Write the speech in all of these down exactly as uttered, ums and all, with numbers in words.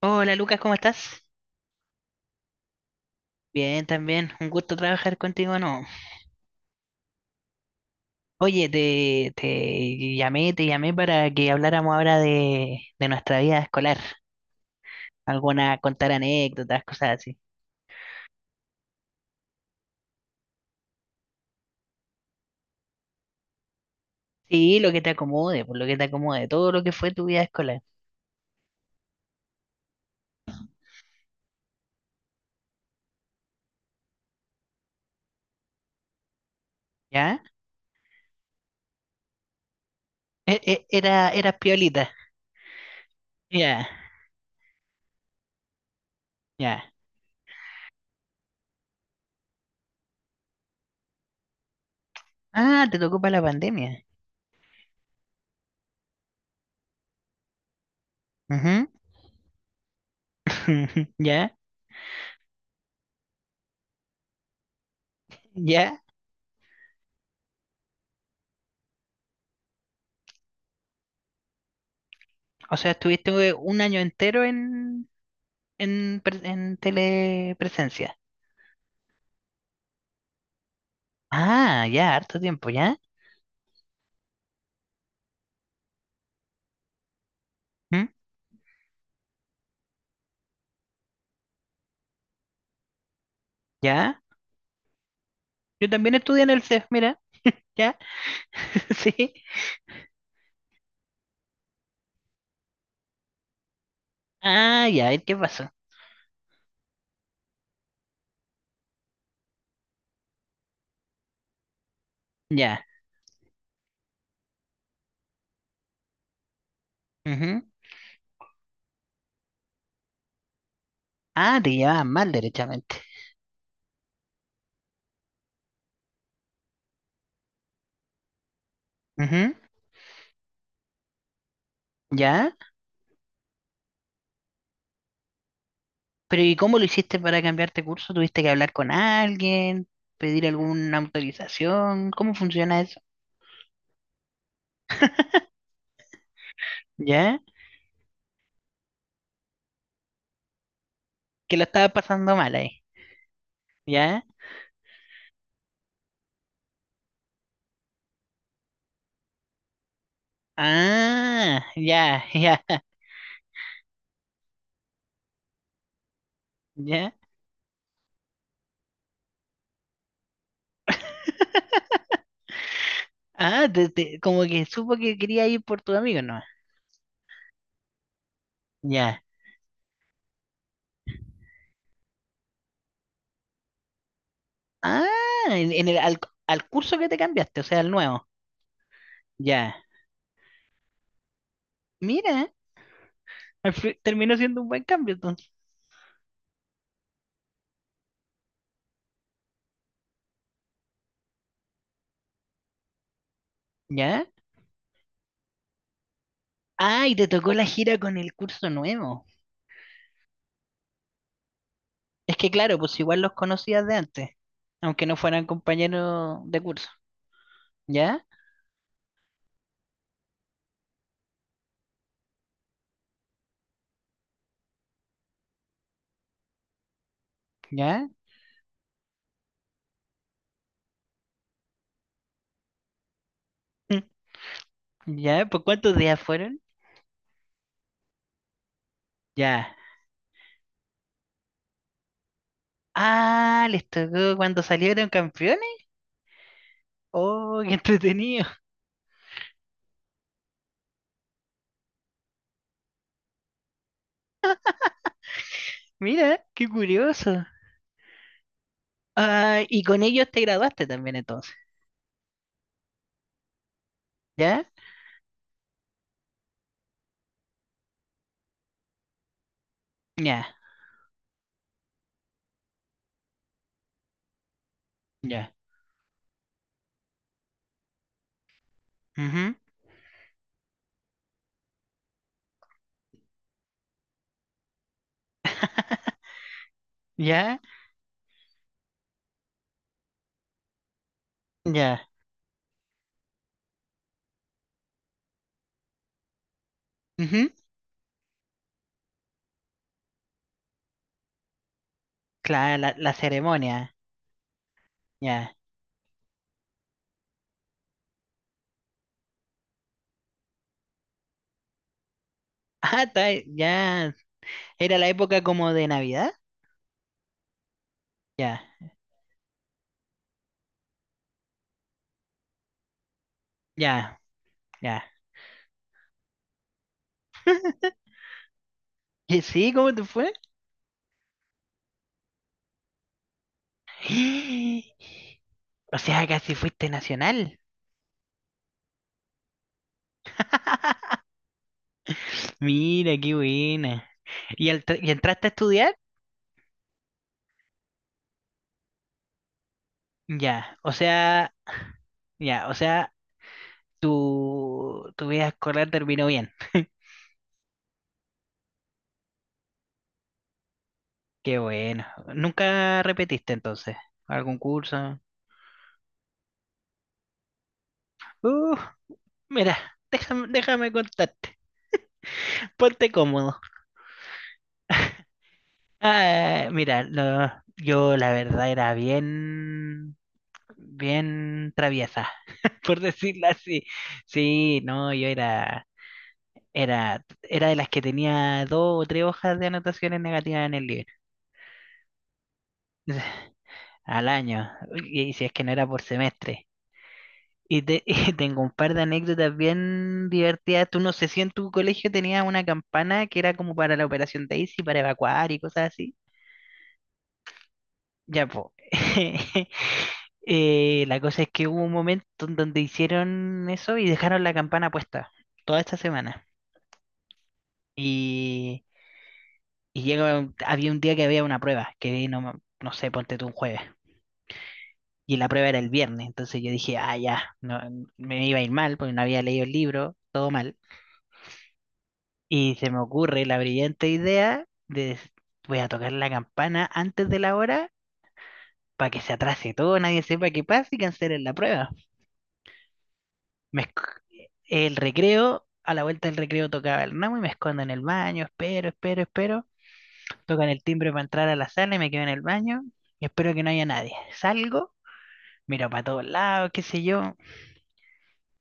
Hola Lucas, ¿cómo estás? Bien, también. Un gusto trabajar contigo, ¿no? Oye, te, te llamé, te llamé para que habláramos ahora de, de nuestra vida escolar. Alguna, contar anécdotas, cosas así. Sí, lo que te acomode, por lo que te acomode, todo lo que fue tu vida escolar. ¿Ya? E- e- era, eras piolita. Ya, ya. Ah, te tocó para la pandemia. Ujú. Ya, ya. O sea, estuviste un año entero en, en, pre- en telepresencia. Ah, ya, harto tiempo, ¿ya? ¿Mm? ¿Ya? Yo también estudié en el C E F, mira, ¿ya? Sí. Ah, ya, ¿y qué pasó? Ya. Ujú. Ah, te llevabas mal, derechamente. Ujú. ¿Ya? Pero ¿y cómo lo hiciste para cambiarte curso? ¿Tuviste que hablar con alguien? ¿Pedir alguna autorización? ¿Cómo funciona eso? ¿Ya? Que lo estaba pasando mal ahí. ¿Ya? Ah, ya, ya, ya. Ah, te- te- como que supo que quería ir por tu amigo, ¿no? Ya. Ah, en, en el, al, al curso que te cambiaste, o sea, al nuevo. Ya. Mira, al fi- terminó siendo un buen cambio entonces. Ya. Ah, y te tocó la gira con el curso nuevo. Es que claro, pues igual los conocías de antes, aunque no fueran compañeros de curso. ¿Ya? ¿Ya? Mm, ¿Ya? ¿Por cuántos días fueron? Ya. Ah, les tocó cuando salieron campeones. Oh, qué entretenido. Mira, qué curioso. Ah, y con ellos te graduaste también entonces. ¿Ya? Ya. Ya. Ujú. Ya, ya. Ujú. Claro, la, la ceremonia. Ya. Ah, está, ya. Era la época como de Navidad. Ya, ya, ya. ¿Y sí? ¿Cómo te fue? O sea, casi fuiste nacional. Mira, qué buena. ¿Y, al- y entraste a estudiar? Ya, o sea, ya, o sea, tu, tu vida escolar terminó bien. Qué bueno. ¿Nunca repetiste entonces? ¿Algún curso? Uh. Mira, déjame, déjame contarte. Ponte cómodo. Ah, mira, lo- yo la verdad era bien, bien traviesa, por decirlo así. Sí, no, yo era, era, era de las que tenía dos o tres hojas de anotaciones negativas en el libro al año, y, y si es que no era por semestre. Y, te- y tengo un par de anécdotas bien divertidas. Tú no sé si en tu colegio tenías una campana que era como para la Operación Daisy, para evacuar y cosas así. Ya, po. Eh, la cosa es que hubo un momento en donde hicieron eso y dejaron la campana puesta toda esta semana. Y, y llega un- había un día que había una prueba, que no, me- no sé, ponte tú un jueves. Y la prueba era el viernes. Entonces yo dije, ah, ya, no, me iba a ir mal porque no había leído el libro, todo mal. Y se me ocurre la brillante idea de des- voy a tocar la campana antes de la hora para que se atrase todo, nadie sepa qué pasa y cancelen la prueba. Me, el recreo, a la vuelta del recreo tocaba el ramo y me escondo en el baño, espero, espero, espero. Tocan el timbre para entrar a la sala y me quedo en el baño y espero que no haya nadie. Salgo, miro para todos lados, qué sé yo,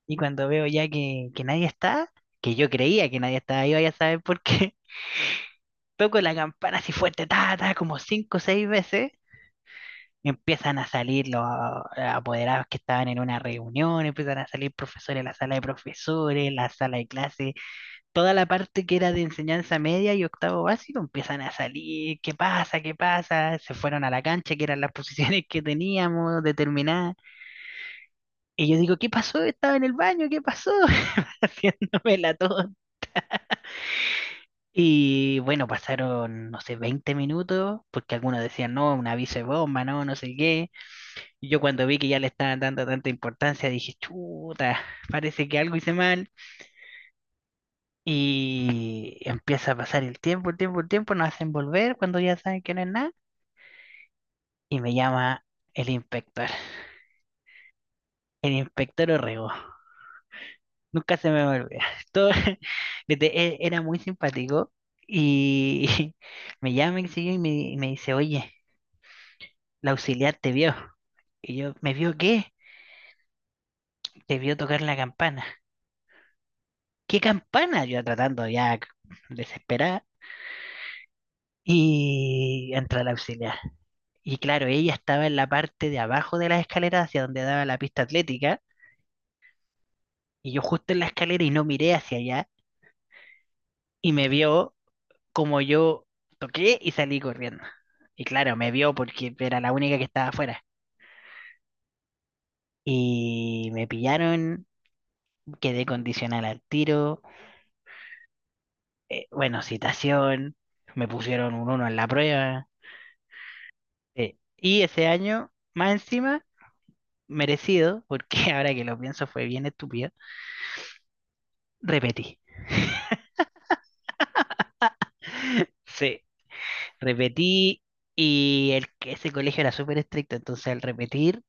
y cuando veo ya que, que nadie está, que yo creía que nadie estaba ahí, vaya a saber por qué, toco la campana así fuerte, ta, ta, como cinco o seis veces. Empiezan a salir los apoderados que estaban en una reunión, empiezan a salir profesores de la sala de profesores, la sala de clases, toda la parte que era de enseñanza media y octavo básico empiezan a salir, ¿qué pasa? ¿Qué pasa? Se fueron a la cancha, que eran las posiciones que teníamos determinadas. Y yo digo, ¿qué pasó? Estaba en el baño, ¿qué pasó? Haciéndome la tos. Y bueno, pasaron, no sé, veinte minutos, porque algunos decían, no, un aviso de bomba, no, no sé qué. Y yo cuando vi que ya le estaban dando tanta importancia, dije, chuta, parece que algo hice mal. Y empieza a pasar el tiempo, el tiempo, el tiempo, nos hacen volver cuando ya saben que no es nada. Y me llama el inspector, el inspector Orrego. Nunca se me va a olvidar. Todo, desde- e- era muy simpático y me llama y sigue y me, y me dice, oye, la auxiliar te vio. Y yo, ¿me vio qué? Te vio tocar la campana. ¿Qué campana? Yo tratando ya desesperada. Y entra la auxiliar. Y claro, ella estaba en la parte de abajo de las escaleras hacia donde daba la pista atlética, y yo justo en la escalera y no miré hacia allá, y me vio como yo toqué y salí corriendo. Y claro, me vio porque era la única que estaba afuera. Y me pillaron, quedé condicional al tiro, eh, bueno, citación, me pusieron un uno en la prueba. eh, Y ese año, más encima, merecido, porque ahora que lo pienso fue bien estúpido, repetí. Sí, repetí. Y el, que- ese colegio era súper estricto, entonces al repetir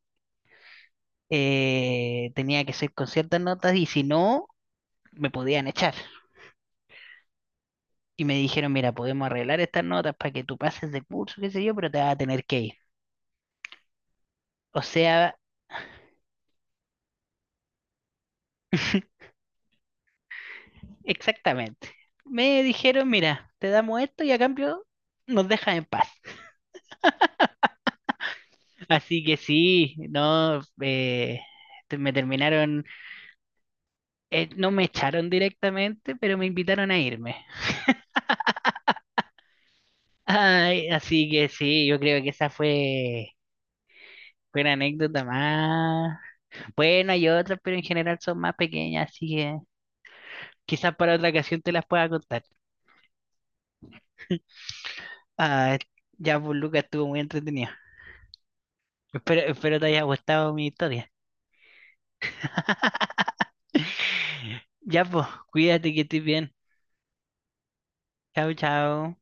eh, tenía que ser con ciertas notas y si no, me podían echar. Y me dijeron, mira, podemos arreglar estas notas para que tú pases de curso, qué sé yo, pero te vas a tener que ir. O sea, exactamente. Me dijeron, mira, te damos esto y a cambio nos dejas en paz. Así que sí, no, eh, te- me terminaron, eh, no me echaron directamente, pero me invitaron a irme. Ay, así que sí, yo creo que esa fue, fue una anécdota más. Bueno, hay otras, pero en general son más pequeñas, así que quizás para otra ocasión te las pueda contar. Ah, ya, pues Lucas, estuvo muy entretenido. Espero, espero te haya gustado mi historia. Ya, pues, cuídate que estés bien. Chao, chao.